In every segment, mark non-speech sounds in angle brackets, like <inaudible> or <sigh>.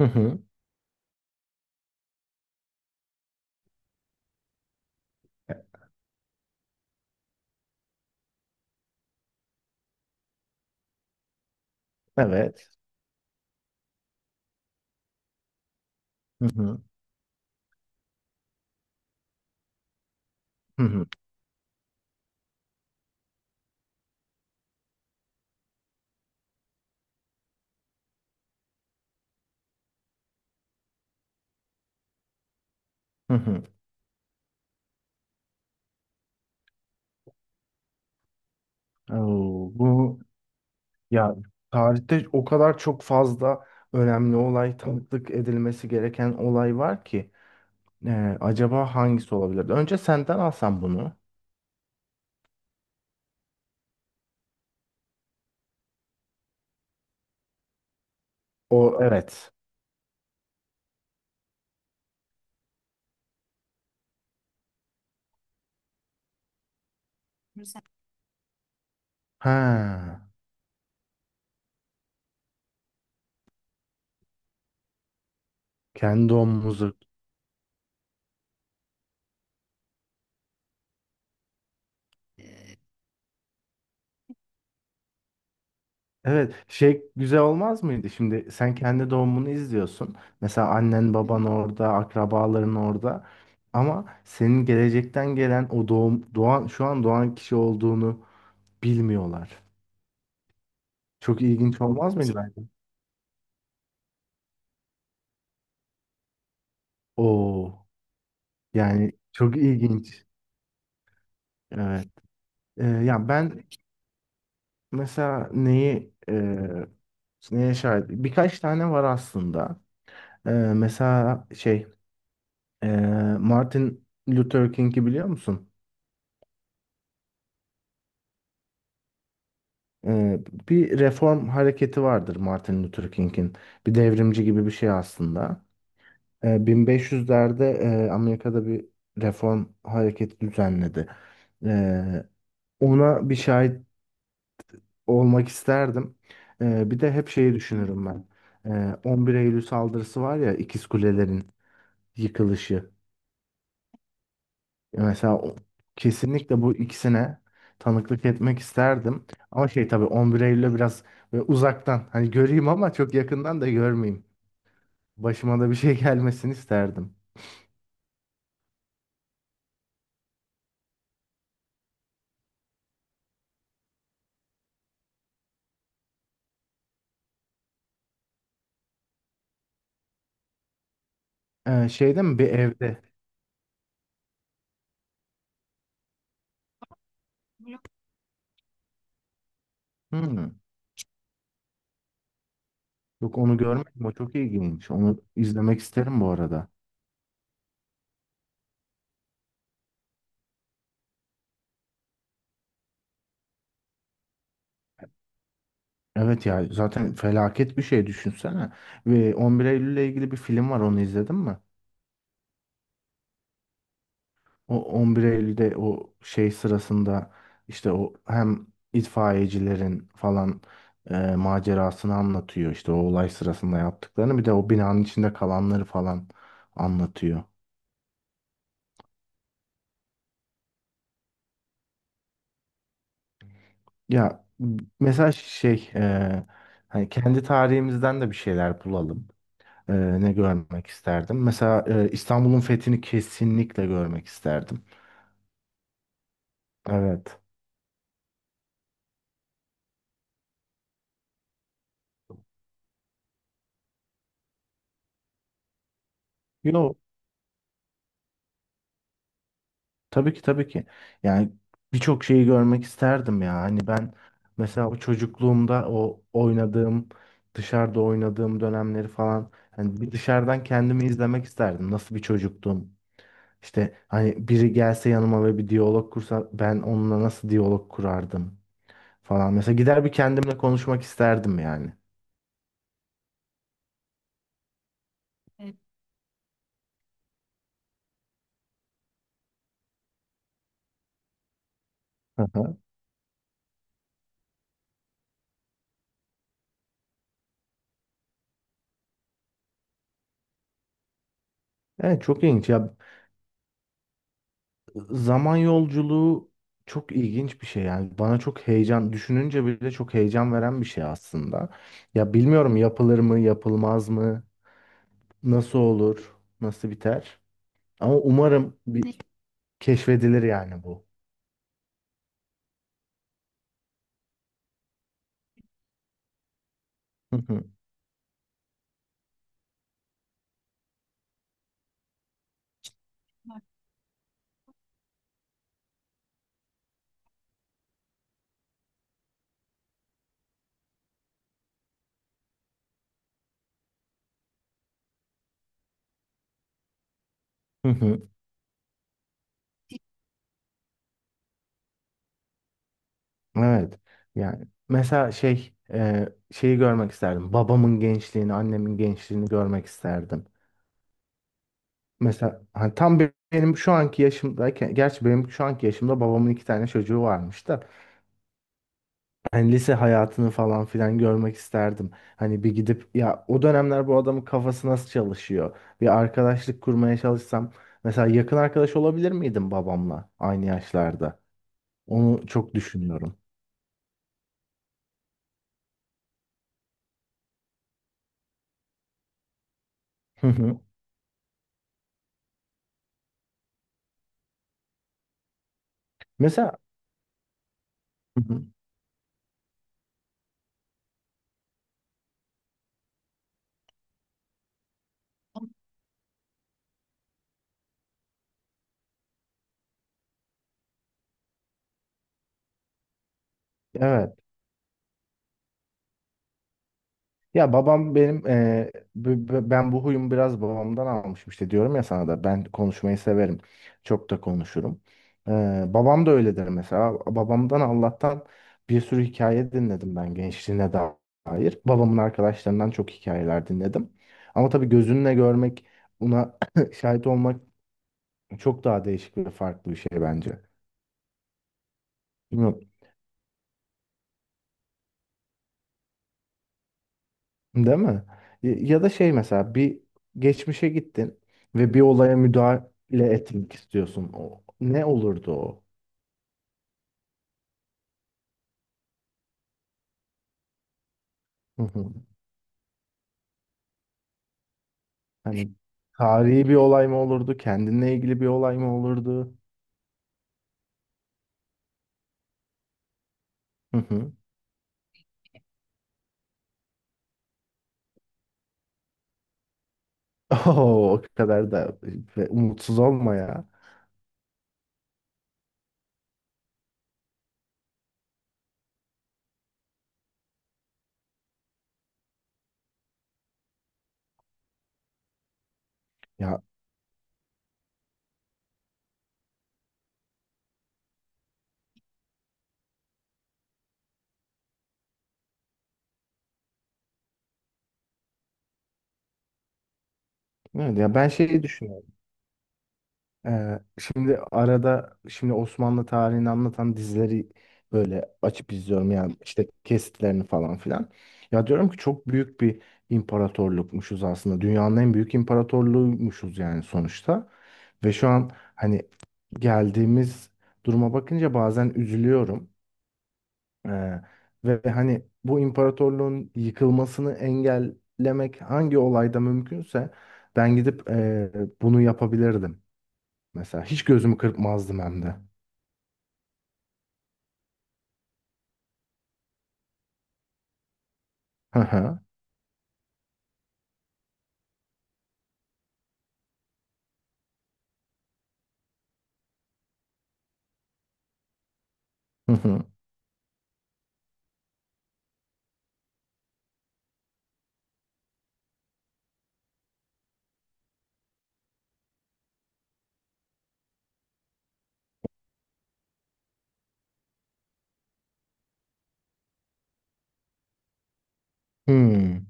Hı hı. Evet. Hı hı. Hı hı. Hı hı. Oo, bu ya tarihte o kadar çok fazla önemli olay, tanıklık edilmesi gereken olay var ki acaba hangisi olabilir? Önce senden alsam bunu. O, evet. Ha. Kendi omumuzu... Evet, şey güzel olmaz mıydı? Şimdi sen kendi doğumunu izliyorsun. Mesela annen baban orada, akrabaların orada. Ama senin gelecekten gelen o doğum, doğan, şu an doğan kişi olduğunu bilmiyorlar. Çok ilginç olmaz mıydı bence? Oo, yani çok ilginç. Evet. Ya ben mesela neye şahit? Birkaç tane var aslında. Mesela şey e, Martin Luther King'i biliyor musun? Ee, bir reform hareketi vardır Martin Luther King'in. Bir devrimci gibi bir şey aslında. 1500'lerde Amerika'da bir reform hareketi düzenledi. Ee, ona bir şahit olmak isterdim. Bir de hep şeyi düşünürüm ben. 11 Eylül saldırısı var ya, İkiz Kulelerin yıkılışı. Mesela kesinlikle bu ikisine tanıklık etmek isterdim. Ama şey tabii 11 Eylül'e biraz böyle uzaktan hani göreyim ama çok yakından da görmeyeyim. Başıma da bir şey <laughs> gelmesini isterdim. Şeyde mi, bir evde? Hmm. Yok, onu görmedim. O çok ilginç. Onu izlemek isterim bu arada. Evet ya, zaten felaket bir şey düşünsene. Ve 11 Eylül'le ilgili bir film var, onu izledin mi? O 11 Eylül'de o şey sırasında işte o hem itfaiyecilerin falan macerasını anlatıyor. İşte o olay sırasında yaptıklarını bir de o binanın içinde kalanları falan anlatıyor. Ya mesela şey, hani kendi tarihimizden de bir şeyler bulalım. E, ne görmek isterdim? Mesela İstanbul'un fethini kesinlikle görmek isterdim. Evet. Yo. Tabii ki, tabii ki. Yani birçok şeyi görmek isterdim ya. Hani ben mesela o çocukluğumda o oynadığım, dışarıda oynadığım dönemleri falan hani bir dışarıdan kendimi izlemek isterdim. Nasıl bir çocuktum? İşte hani biri gelse yanıma ve bir diyalog kursa ben onunla nasıl diyalog kurardım falan. Mesela gider bir kendimle konuşmak isterdim yani. Evet. Hı hı. Evet, çok ilginç ya. Zaman yolculuğu çok ilginç bir şey yani, bana çok heyecan, düşününce bile çok heyecan veren bir şey aslında. Ya bilmiyorum, yapılır mı, yapılmaz mı, nasıl olur, nasıl biter. Ama umarım bir keşfedilir yani bu. Hı hı, hı hı. Evet. Yani mesela şey, şeyi görmek isterdim. Babamın gençliğini, annemin gençliğini görmek isterdim. Mesela hani tam benim şu anki yaşımdayken, gerçi benim şu anki yaşımda babamın iki tane çocuğu varmış da. Hani lise hayatını falan filan görmek isterdim. Hani bir gidip ya, o dönemler bu adamın kafası nasıl çalışıyor? Bir arkadaşlık kurmaya çalışsam mesela, yakın arkadaş olabilir miydim babamla aynı yaşlarda? Onu çok düşünüyorum. Hı hı. Mesela. Hı hı. Evet. Ya babam benim ben bu huyumu biraz babamdan almışım, işte diyorum ya, sana da ben konuşmayı severim. Çok da konuşurum. Babam da öyledir mesela. Babamdan Allah'tan bir sürü hikaye dinledim ben, gençliğine dair. Babamın arkadaşlarından çok hikayeler dinledim. Ama tabii gözünle görmek, buna <clears throat> şahit olmak çok daha değişik ve farklı bir şey bence. Bilmiyorum. Değil mi? Ya, ya da şey mesela bir geçmişe gittin ve bir olaya müdahale etmek istiyorsun. O, ne olurdu o? Hı hı. Hani tarihi bir olay mı olurdu? Kendinle ilgili bir olay mı olurdu? Hı hı. <laughs> Oo, o kadar da ve umutsuz olma ya. Ya, evet, ya ben şeyi düşünüyorum. Şimdi arada şimdi Osmanlı tarihini anlatan dizileri böyle açıp izliyorum yani, işte kesitlerini falan filan. Ya diyorum ki çok büyük bir imparatorlukmuşuz aslında. Dünyanın en büyük imparatorluğuymuşuz yani sonuçta. Ve şu an hani geldiğimiz duruma bakınca bazen üzülüyorum. Ee, ve hani bu imparatorluğun yıkılmasını engellemek hangi olayda mümkünse ben gidip bunu yapabilirdim. Mesela hiç gözümü kırpmazdım hem de. Hı hı. Hı hı. Hmm.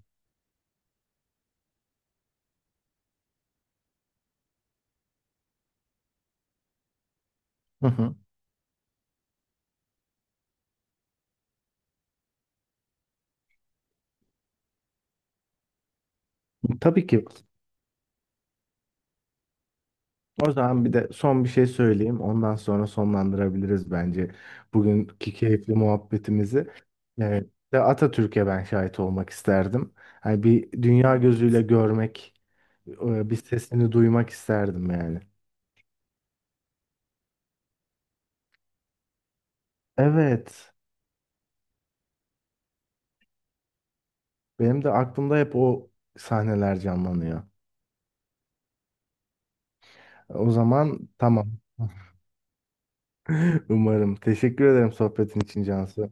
Hı hı. Tabii ki. O zaman bir de son bir şey söyleyeyim. Ondan sonra sonlandırabiliriz bence bugünkü keyifli muhabbetimizi. Evet. De Atatürk'e ben şahit olmak isterdim. Hani bir dünya gözüyle görmek, bir sesini duymak isterdim yani. Evet. Benim de aklımda hep o sahneler canlanıyor. O zaman tamam. <laughs> Umarım. Teşekkür ederim sohbetin için Cansu.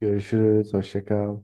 Görüşürüz. Hoşça kal.